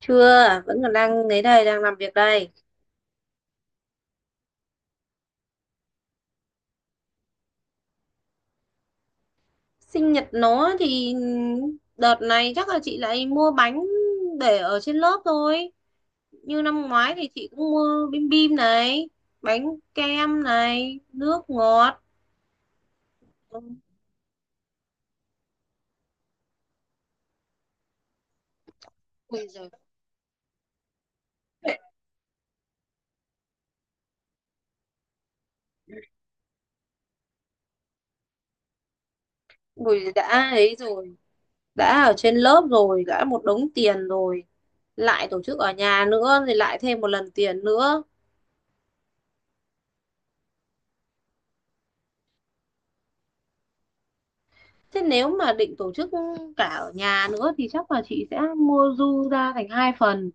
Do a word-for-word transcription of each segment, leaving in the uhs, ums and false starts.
Chưa, vẫn còn đang ấy đây, đang làm việc đây. Sinh nhật nó thì đợt này chắc là chị lại mua bánh để ở trên lớp thôi. Như năm ngoái thì chị cũng mua bim bim này, bánh kem này, nước ngọt. Ui giời, ui đã ấy rồi, đã ở trên lớp rồi, đã một đống tiền rồi. Lại tổ chức ở nhà nữa thì lại thêm một lần tiền nữa. Thế nếu mà định tổ chức cả ở nhà nữa thì chắc là chị sẽ mua du ra thành hai phần.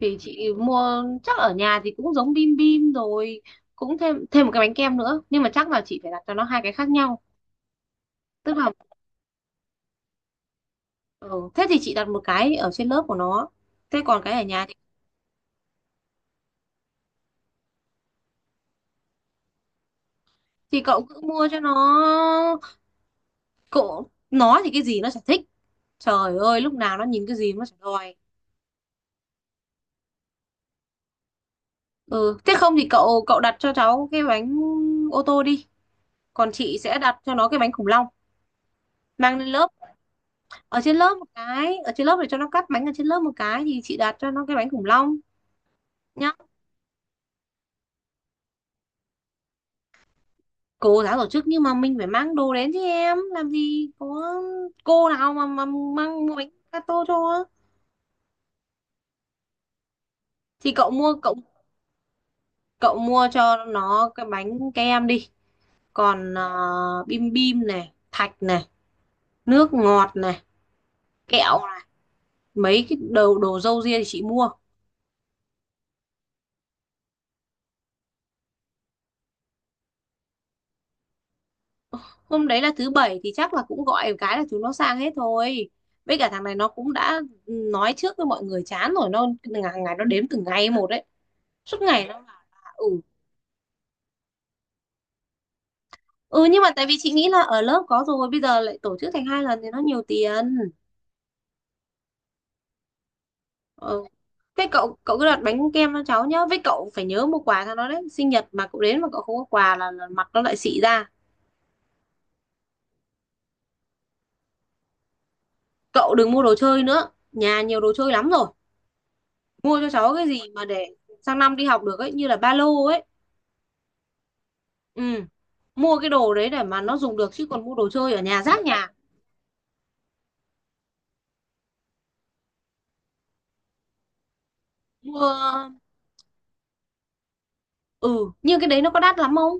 Thì chị mua chắc ở nhà thì cũng giống bim bim rồi, cũng thêm thêm một cái bánh kem nữa, nhưng mà chắc là chị phải đặt cho nó hai cái khác nhau. Tức là ừ, thế thì chị đặt một cái ở trên lớp của nó, thế còn cái ở nhà thì, thì cậu cứ mua cho nó. Cậu nó thì cái gì nó chả thích, trời ơi lúc nào nó nhìn cái gì nó chả đòi. Ừ thế không thì cậu cậu đặt cho cháu cái bánh ô tô đi, còn chị sẽ đặt cho nó cái bánh khủng long mang lên lớp. Ở trên lớp một cái, ở trên lớp để cho nó cắt bánh, ở trên lớp một cái thì chị đặt cho nó cái bánh khủng long nhá. Cô giáo tổ chức nhưng mà mình phải mang đồ đến chứ, em làm gì có cô nào mà mà mang mua bánh gato cho. Thì cậu mua cậu cậu mua cho nó cái bánh kem đi, còn ờ, bim bim này, thạch này, nước ngọt này, kẹo này. Mấy cái đồ đồ râu ria thì chị mua. Hôm đấy là thứ bảy thì chắc là cũng gọi một cái là chúng nó sang hết thôi, với cả thằng này nó cũng đã nói trước với mọi người chán rồi, nó ngày, ngày nó đếm từng ngày một đấy, suốt ngày nó bảo là ừ ừ, nhưng mà tại vì chị nghĩ là ở lớp có rồi, bây giờ lại tổ chức thành hai lần thì nó nhiều tiền. Ừ. Thế cậu cậu cứ đặt bánh kem cho cháu nhá, với cậu phải nhớ mua quà cho nó đấy, sinh nhật mà cậu đến mà cậu không có quà là, là mặt nó lại xị ra. Cậu đừng mua đồ chơi nữa, nhà nhiều đồ chơi lắm rồi, mua cho cháu cái gì mà để sang năm đi học được ấy, như là ba lô ấy. Ừ mua cái đồ đấy để mà nó dùng được, chứ còn mua đồ chơi ở nhà rác nhà. Mua ừ, nhưng cái đấy nó có đắt lắm không.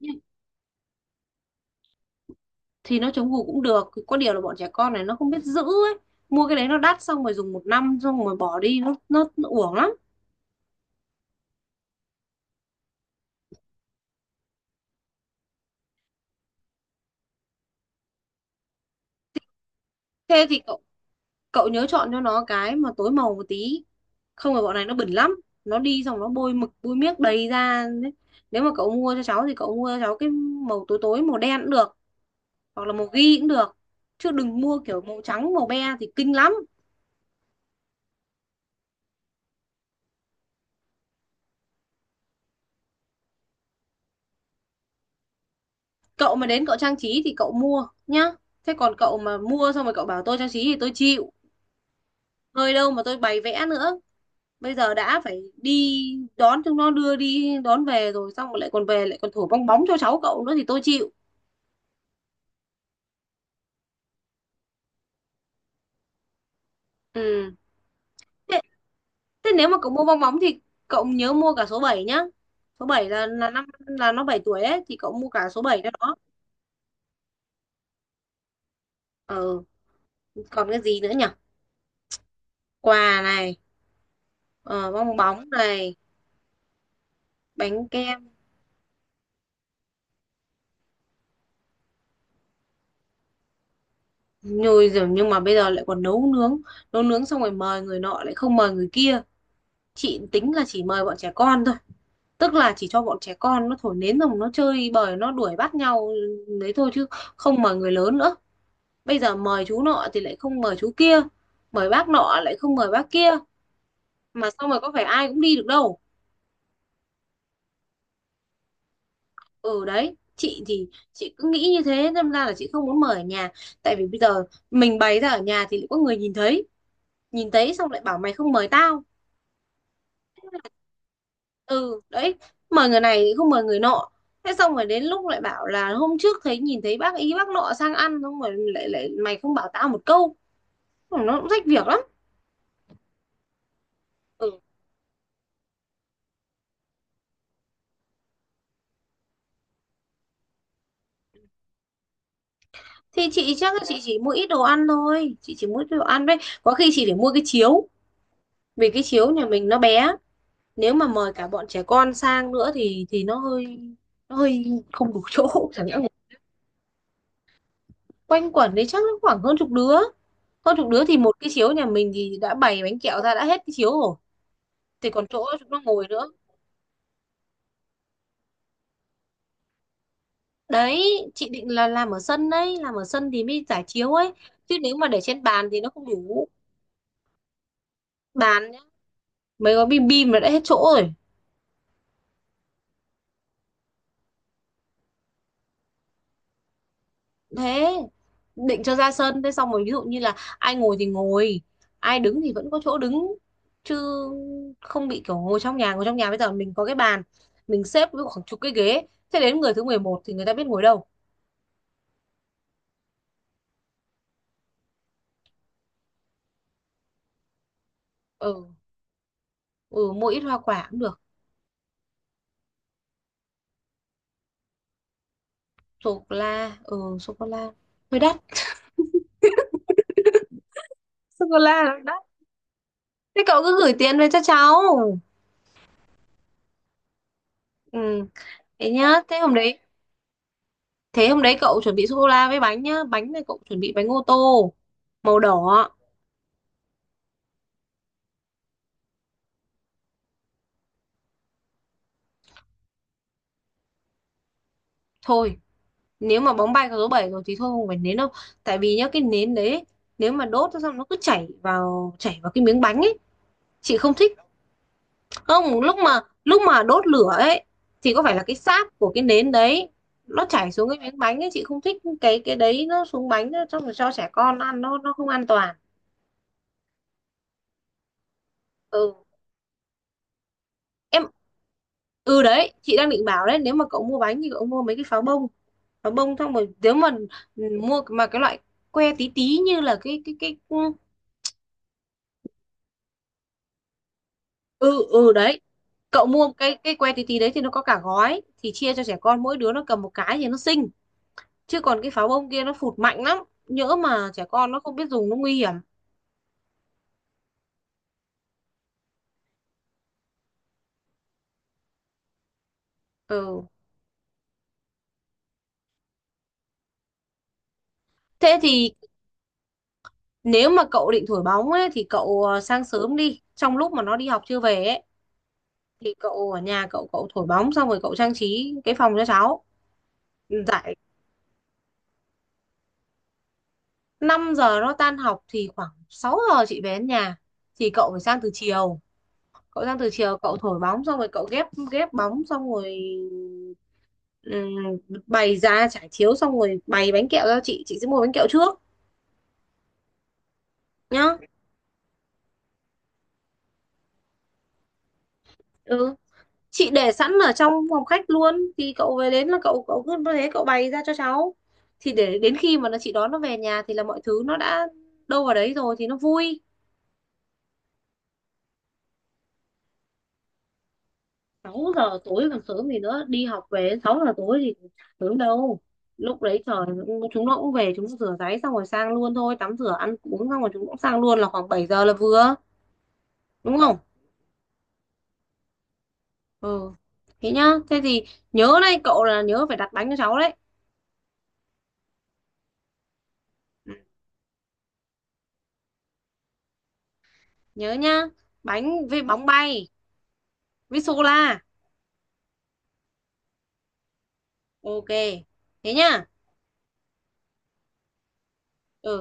Ừ. Thì nó chống gù cũng được, có điều là bọn trẻ con này nó không biết giữ ấy, mua cái đấy nó đắt xong rồi dùng một năm xong rồi bỏ đi, nó nó, nó uổng lắm. Thế thì cậu cậu nhớ chọn cho nó cái mà tối màu một tí, không phải bọn này nó bẩn lắm, nó đi xong nó bôi mực bôi miếc đầy ra đấy. Nếu mà cậu mua cho cháu thì cậu mua cho cháu cái màu tối, tối màu đen cũng được, hoặc là màu ghi cũng được, chứ đừng mua kiểu màu trắng màu be thì kinh lắm. Cậu mà đến cậu trang trí thì cậu mua nhá, thế còn cậu mà mua xong rồi cậu bảo tôi trang trí thì tôi chịu, nơi đâu mà tôi bày vẽ nữa. Bây giờ đã phải đi đón chúng nó, đưa đi đón về rồi, xong rồi lại còn về lại còn thổi bong bóng cho cháu cậu nữa thì tôi chịu. Ừ thế, thế nếu mà cậu mua bong bóng thì cậu nhớ mua cả số bảy nhá, số bảy là là năm là nó bảy tuổi ấy, thì cậu mua cả số bảy cho nó. Ờ còn cái gì nữa nhỉ, quà này, ờ, bong bóng này, bánh kem nhồi rồi, nhưng mà bây giờ lại còn nấu nướng, nấu nướng xong rồi mời người nọ lại không mời người kia. Chị tính là chỉ mời bọn trẻ con thôi, tức là chỉ cho bọn trẻ con nó thổi nến rồi nó chơi bời nó đuổi bắt nhau đấy thôi, chứ không mời người lớn nữa. Bây giờ mời chú nọ thì lại không mời chú kia, mời bác nọ lại không mời bác kia, mà xong rồi có phải ai cũng đi được đâu. Ừ đấy, chị thì chị cứ nghĩ như thế nên ra là chị không muốn mời ở nhà, tại vì bây giờ mình bày ra ở nhà thì lại có người nhìn thấy, nhìn thấy xong lại bảo mày không mời tao. Ừ đấy, mời người này thì không mời người nọ, thế xong rồi đến lúc lại bảo là hôm trước thấy nhìn thấy bác ý bác nọ sang ăn xong rồi lại lại mày không bảo tao một câu. Ừ, nó cũng rách việc lắm. Ừ. Thì chị chắc là chị chỉ mua ít đồ ăn thôi, chị chỉ mua ít đồ ăn đấy. Có khi chị phải mua cái chiếu, vì cái chiếu nhà mình nó bé, nếu mà mời cả bọn trẻ con sang nữa thì thì nó hơi, nó hơi không đủ chỗ chẳng nhẽ. Quanh quẩn đấy chắc nó khoảng hơn chục đứa, hơn chục đứa thì một cái chiếu nhà mình thì đã bày bánh kẹo ra đã hết cái chiếu rồi, thì còn chỗ cho nó ngồi nữa. Đấy chị định là làm ở sân đấy, làm ở sân thì mới giải chiếu ấy, chứ nếu mà để trên bàn thì nó không đủ. Bàn nhá, mấy gói bim bim là đã hết chỗ rồi. Thế định cho ra sân, thế xong rồi ví dụ như là ai ngồi thì ngồi, ai đứng thì vẫn có chỗ đứng, chứ không bị kiểu ngồi trong nhà. Ngồi trong nhà bây giờ mình có cái bàn, mình xếp với khoảng chục cái ghế, thế đến người thứ mười một thì người ta biết ngồi đâu. Ừ ừ mua ít hoa quả cũng được. Sô cô la ừ sô cô la hơi đắt. Sô cô la. Thế cậu cứ gửi tiền về cho cháu. Ừ, thế nhá. Thế hôm đấy, thế hôm đấy cậu chuẩn bị sô cô la với bánh nhá. Bánh này cậu chuẩn bị bánh ô tô màu đỏ. Thôi, nếu mà bóng bay có số bảy rồi thì thôi không phải nến đâu. Tại vì nhá cái nến đấy, nếu mà đốt ra xong nó cứ chảy vào chảy vào cái miếng bánh ấy, chị không thích. Không, lúc mà lúc mà đốt lửa ấy thì có phải là cái sáp của cái nến đấy, nó chảy xuống cái miếng bánh ấy, chị không thích cái cái đấy, nó xuống bánh nó xong rồi cho trẻ con ăn nó nó không an toàn. Ừ em ừ đấy chị đang định bảo đấy, nếu mà cậu mua bánh thì cậu mua mấy cái pháo bông, pháo bông xong rồi nếu mà ừ, mua mà cái loại que tí tí như là cái cái cái ừ ừ đấy, cậu mua cái cái que tí tí đấy thì nó có cả gói thì chia cho trẻ con mỗi đứa nó cầm một cái thì nó xinh, chứ còn cái pháo bông kia nó phụt mạnh lắm, nhỡ mà trẻ con nó không biết dùng nó nguy hiểm. Ừ thế thì nếu mà cậu định thổi bóng ấy thì cậu ờ, sang sớm đi, trong lúc mà nó đi học chưa về ấy thì cậu ở nhà, cậu cậu thổi bóng xong rồi cậu trang trí cái phòng cho cháu. Dạy năm giờ nó tan học thì khoảng sáu giờ chị về đến nhà, thì cậu phải sang từ chiều, cậu sang từ chiều cậu thổi bóng xong rồi cậu ghép ghép bóng xong rồi, ừm, bày ra trải chiếu xong rồi bày bánh kẹo cho chị chị sẽ mua bánh kẹo trước nhá. Ừ. Chị để sẵn ở trong phòng khách luôn thì cậu về đến là cậu cậu cứ thế cậu bày ra cho cháu, thì để đến khi mà nó chị đón nó về nhà thì là mọi thứ nó đã đâu vào đấy rồi thì nó vui. Sáu giờ tối còn sớm gì nữa, đi học về sáu giờ tối thì sớm đâu, lúc đấy trời chúng nó cũng về, chúng nó rửa ráy xong rồi sang luôn thôi, tắm rửa ăn uống xong rồi chúng cũng sang luôn là khoảng bảy giờ là vừa, đúng không. Ừ thế nhá, thế thì nhớ đấy cậu là nhớ phải đặt bánh cho cháu đấy. Ừ, nhớ nhá, bánh với bóng bay với sô la, ok thế nhá ừ